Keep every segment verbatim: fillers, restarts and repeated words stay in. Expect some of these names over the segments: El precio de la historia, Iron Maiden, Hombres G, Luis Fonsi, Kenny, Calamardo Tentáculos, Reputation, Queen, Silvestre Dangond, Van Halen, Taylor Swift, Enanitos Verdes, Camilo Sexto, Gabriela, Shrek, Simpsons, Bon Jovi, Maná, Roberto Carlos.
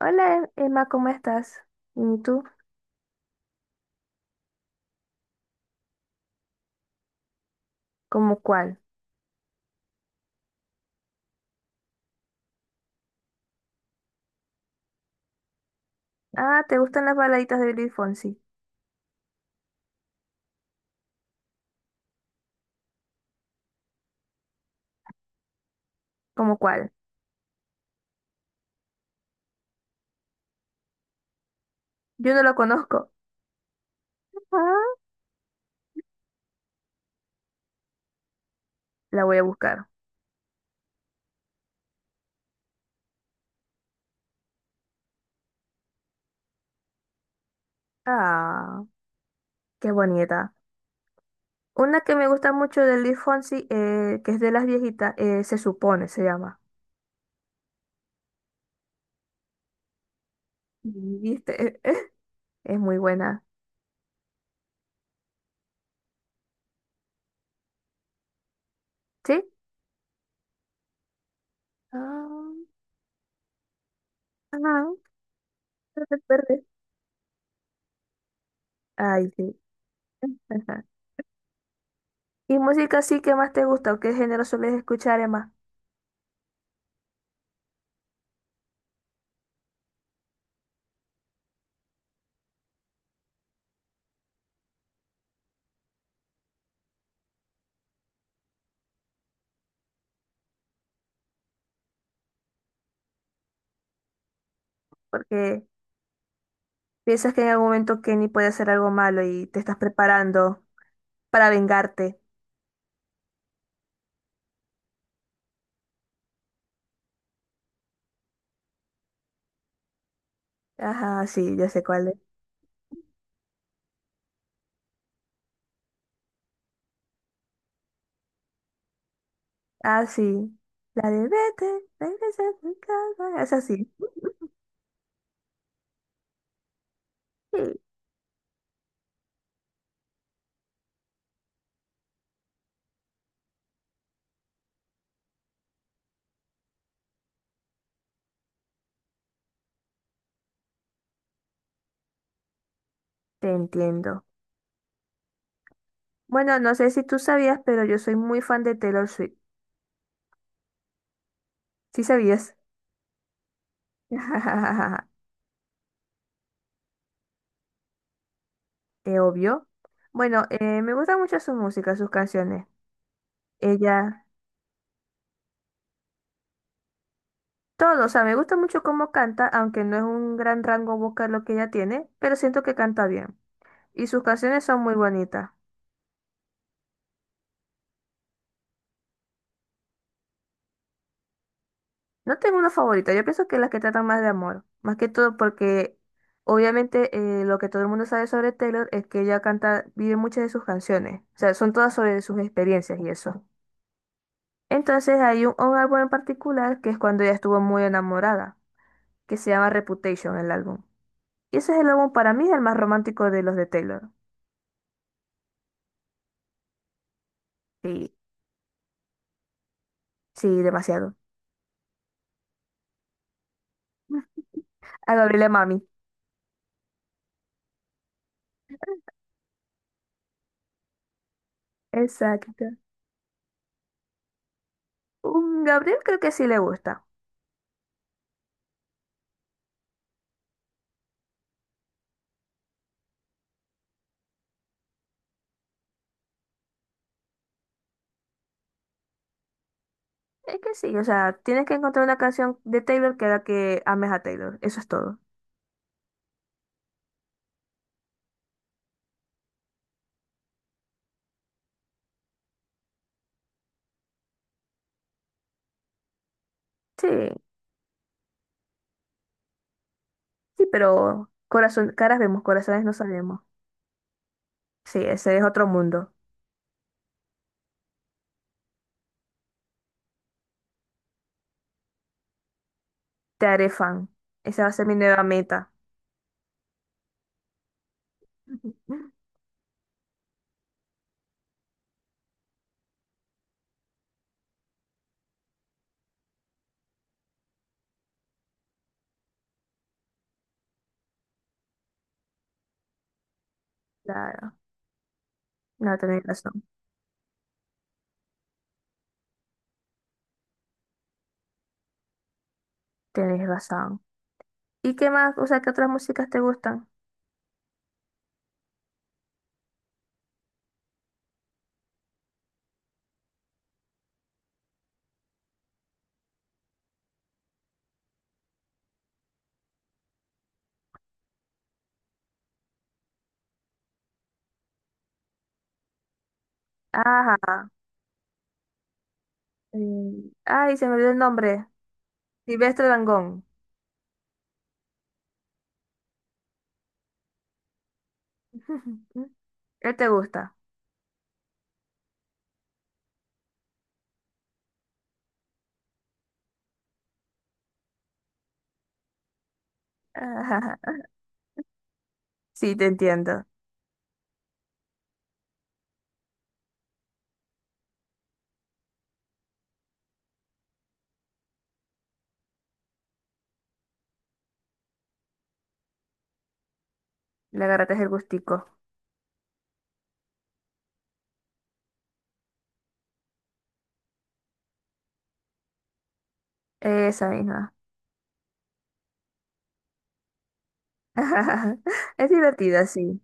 Hola Emma, ¿cómo estás? ¿Y tú? ¿Cómo cuál? Ah, ¿te gustan las baladitas de Luis Fonsi? ¿Cómo cuál? Yo no lo conozco. Ah, la voy a buscar. Ah, qué bonita. Una que me gusta mucho de Luis Fonsi, eh, que es de las viejitas, eh, se supone, se llama. ¿Viste? Es muy buena. ¿Sí? Ah, ah, no te perdés. Ay, sí. ¿Y música sí que más te gusta o qué género sueles escuchar, Emma? Porque piensas que en algún momento Kenny puede hacer algo malo y te estás preparando para vengarte. Ajá, sí, yo sé cuál es. Ah, sí. La de vete, regresa a tu casa. Es así. Sí, te entiendo. Bueno, no sé si tú sabías, pero yo soy muy fan de Taylor Swift. ¿Sí sabías? Es obvio. Bueno, eh, me gusta mucho su música, sus canciones. Ella, todo, o sea, me gusta mucho cómo canta, aunque no es un gran rango vocal lo que ella tiene, pero siento que canta bien. Y sus canciones son muy bonitas. No tengo una favorita, yo pienso que las que tratan más de amor. Más que todo porque obviamente eh, lo que todo el mundo sabe sobre Taylor es que ella canta, vive muchas de sus canciones. O sea, son todas sobre sus experiencias y eso. Entonces hay un, un álbum en particular que es cuando ella estuvo muy enamorada, que se llama Reputation el álbum. Y ese es el álbum para mí el más romántico de los de Taylor. Sí, sí, demasiado. A Gabriela Mami. Exacto. Un Gabriel creo que sí le gusta. Es que sí, o sea, tienes que encontrar una canción de Taylor que haga que ames a Taylor. Eso es todo. Sí, sí, pero corazón, caras vemos, corazones no sabemos. Sí, ese es otro mundo. Te haré fan. Esa va a ser mi nueva meta. Claro, no, tenés razón. Tenés razón. ¿Y qué más? O sea, ¿qué otras músicas te gustan? Ajá. mm, Ay, se me olvidó el nombre. Silvestre Dangond. Él te gusta. Ajá. Sí, te entiendo. Le agarraste el gustico. Esa misma. Es divertida, sí.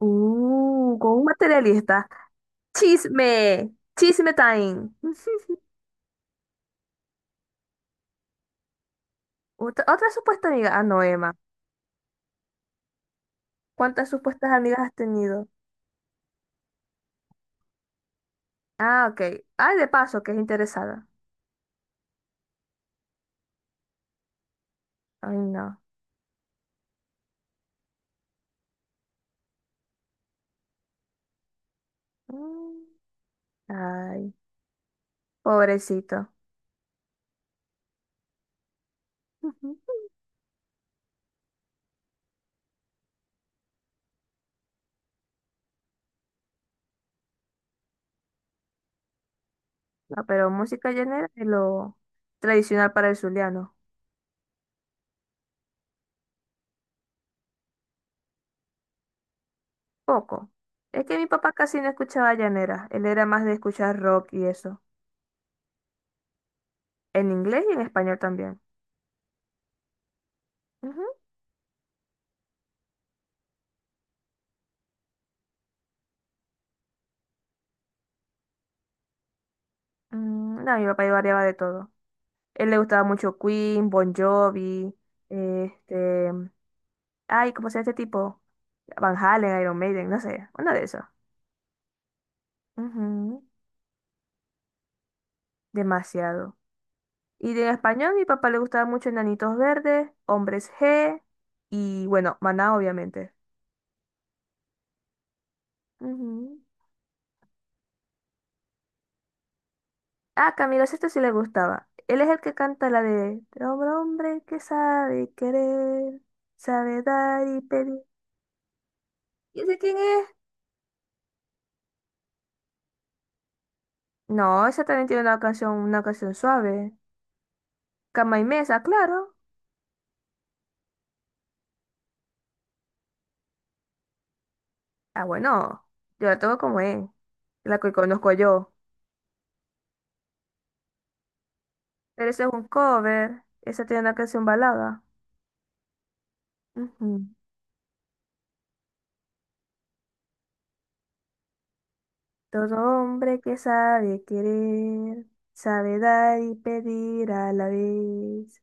Uh, con un materialista. Chisme, chisme time. Otra, otra supuesta amiga. Ah, no, Emma. ¿Cuántas supuestas amigas has tenido? Ah, ok. Ay, de paso, que es interesada. Ay, no. Mm, ay, pobrecito. No, pero música llanera es lo tradicional para el zuliano. Poco. Es que mi papá casi no escuchaba llanera. Él era más de escuchar rock y eso. En inglés y en español también. Ujú. Mm, no, mi papá iba variaba de todo. Él le gustaba mucho Queen, Bon Jovi, este, ay, ¿cómo se llama este tipo? Van Halen, Iron Maiden, no sé, uno de esos. Ujú, demasiado. Y de español, mi papá le gustaba mucho Enanitos Verdes, Hombres G y bueno, Maná, obviamente. Ujú. Ah, Camilo esto sí le gustaba. Él es el que canta la de hombre, hombre que sabe querer, sabe dar y pedir. ¿Y ese quién es? No, esa también tiene una canción, una canción suave. Cama y mesa, claro. Ah, bueno, yo la tengo como es, la que conozco yo. Pero ese es un cover, esa tiene una canción balada. Ujú. Todo hombre que sabe querer, sabe dar y pedir a la vez.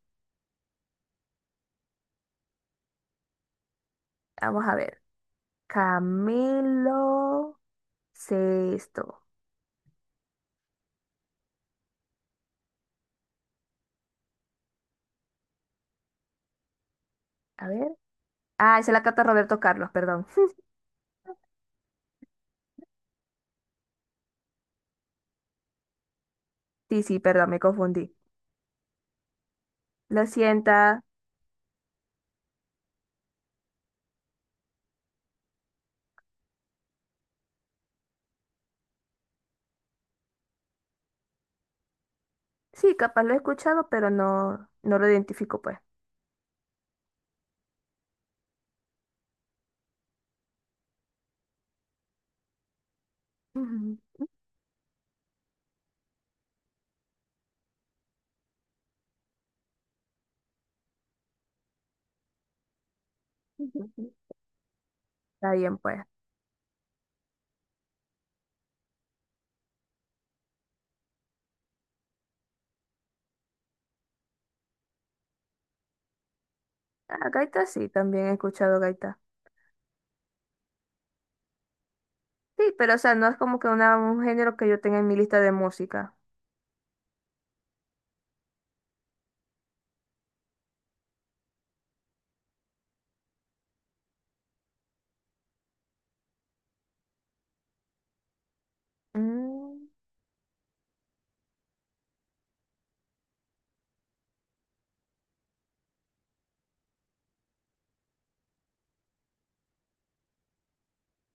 Vamos a ver. Camilo Sexto. A ver. Ah, esa la canta Roberto Carlos, perdón. Sí, sí, perdón, me confundí. Lo siento. Sí, capaz lo he escuchado, pero no, no lo identifico, pues. Ujú, ujú. Está bien, pues. Ah, gaita sí, también he escuchado gaita. Sí, pero o sea, no es como que una, un género que yo tenga en mi lista de música. Mm,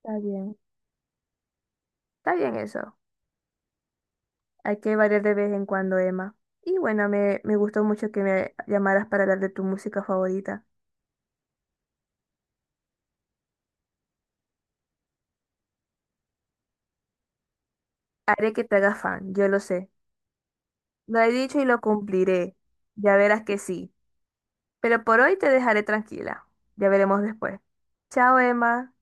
está bien. Está bien eso. Hay que variar de vez en cuando, Emma. Y bueno, me, me gustó mucho que me llamaras para hablar de tu música favorita. Haré que te hagas fan, yo lo sé. Lo he dicho y lo cumpliré. Ya verás que sí. Pero por hoy te dejaré tranquila. Ya veremos después. Chao, Emma.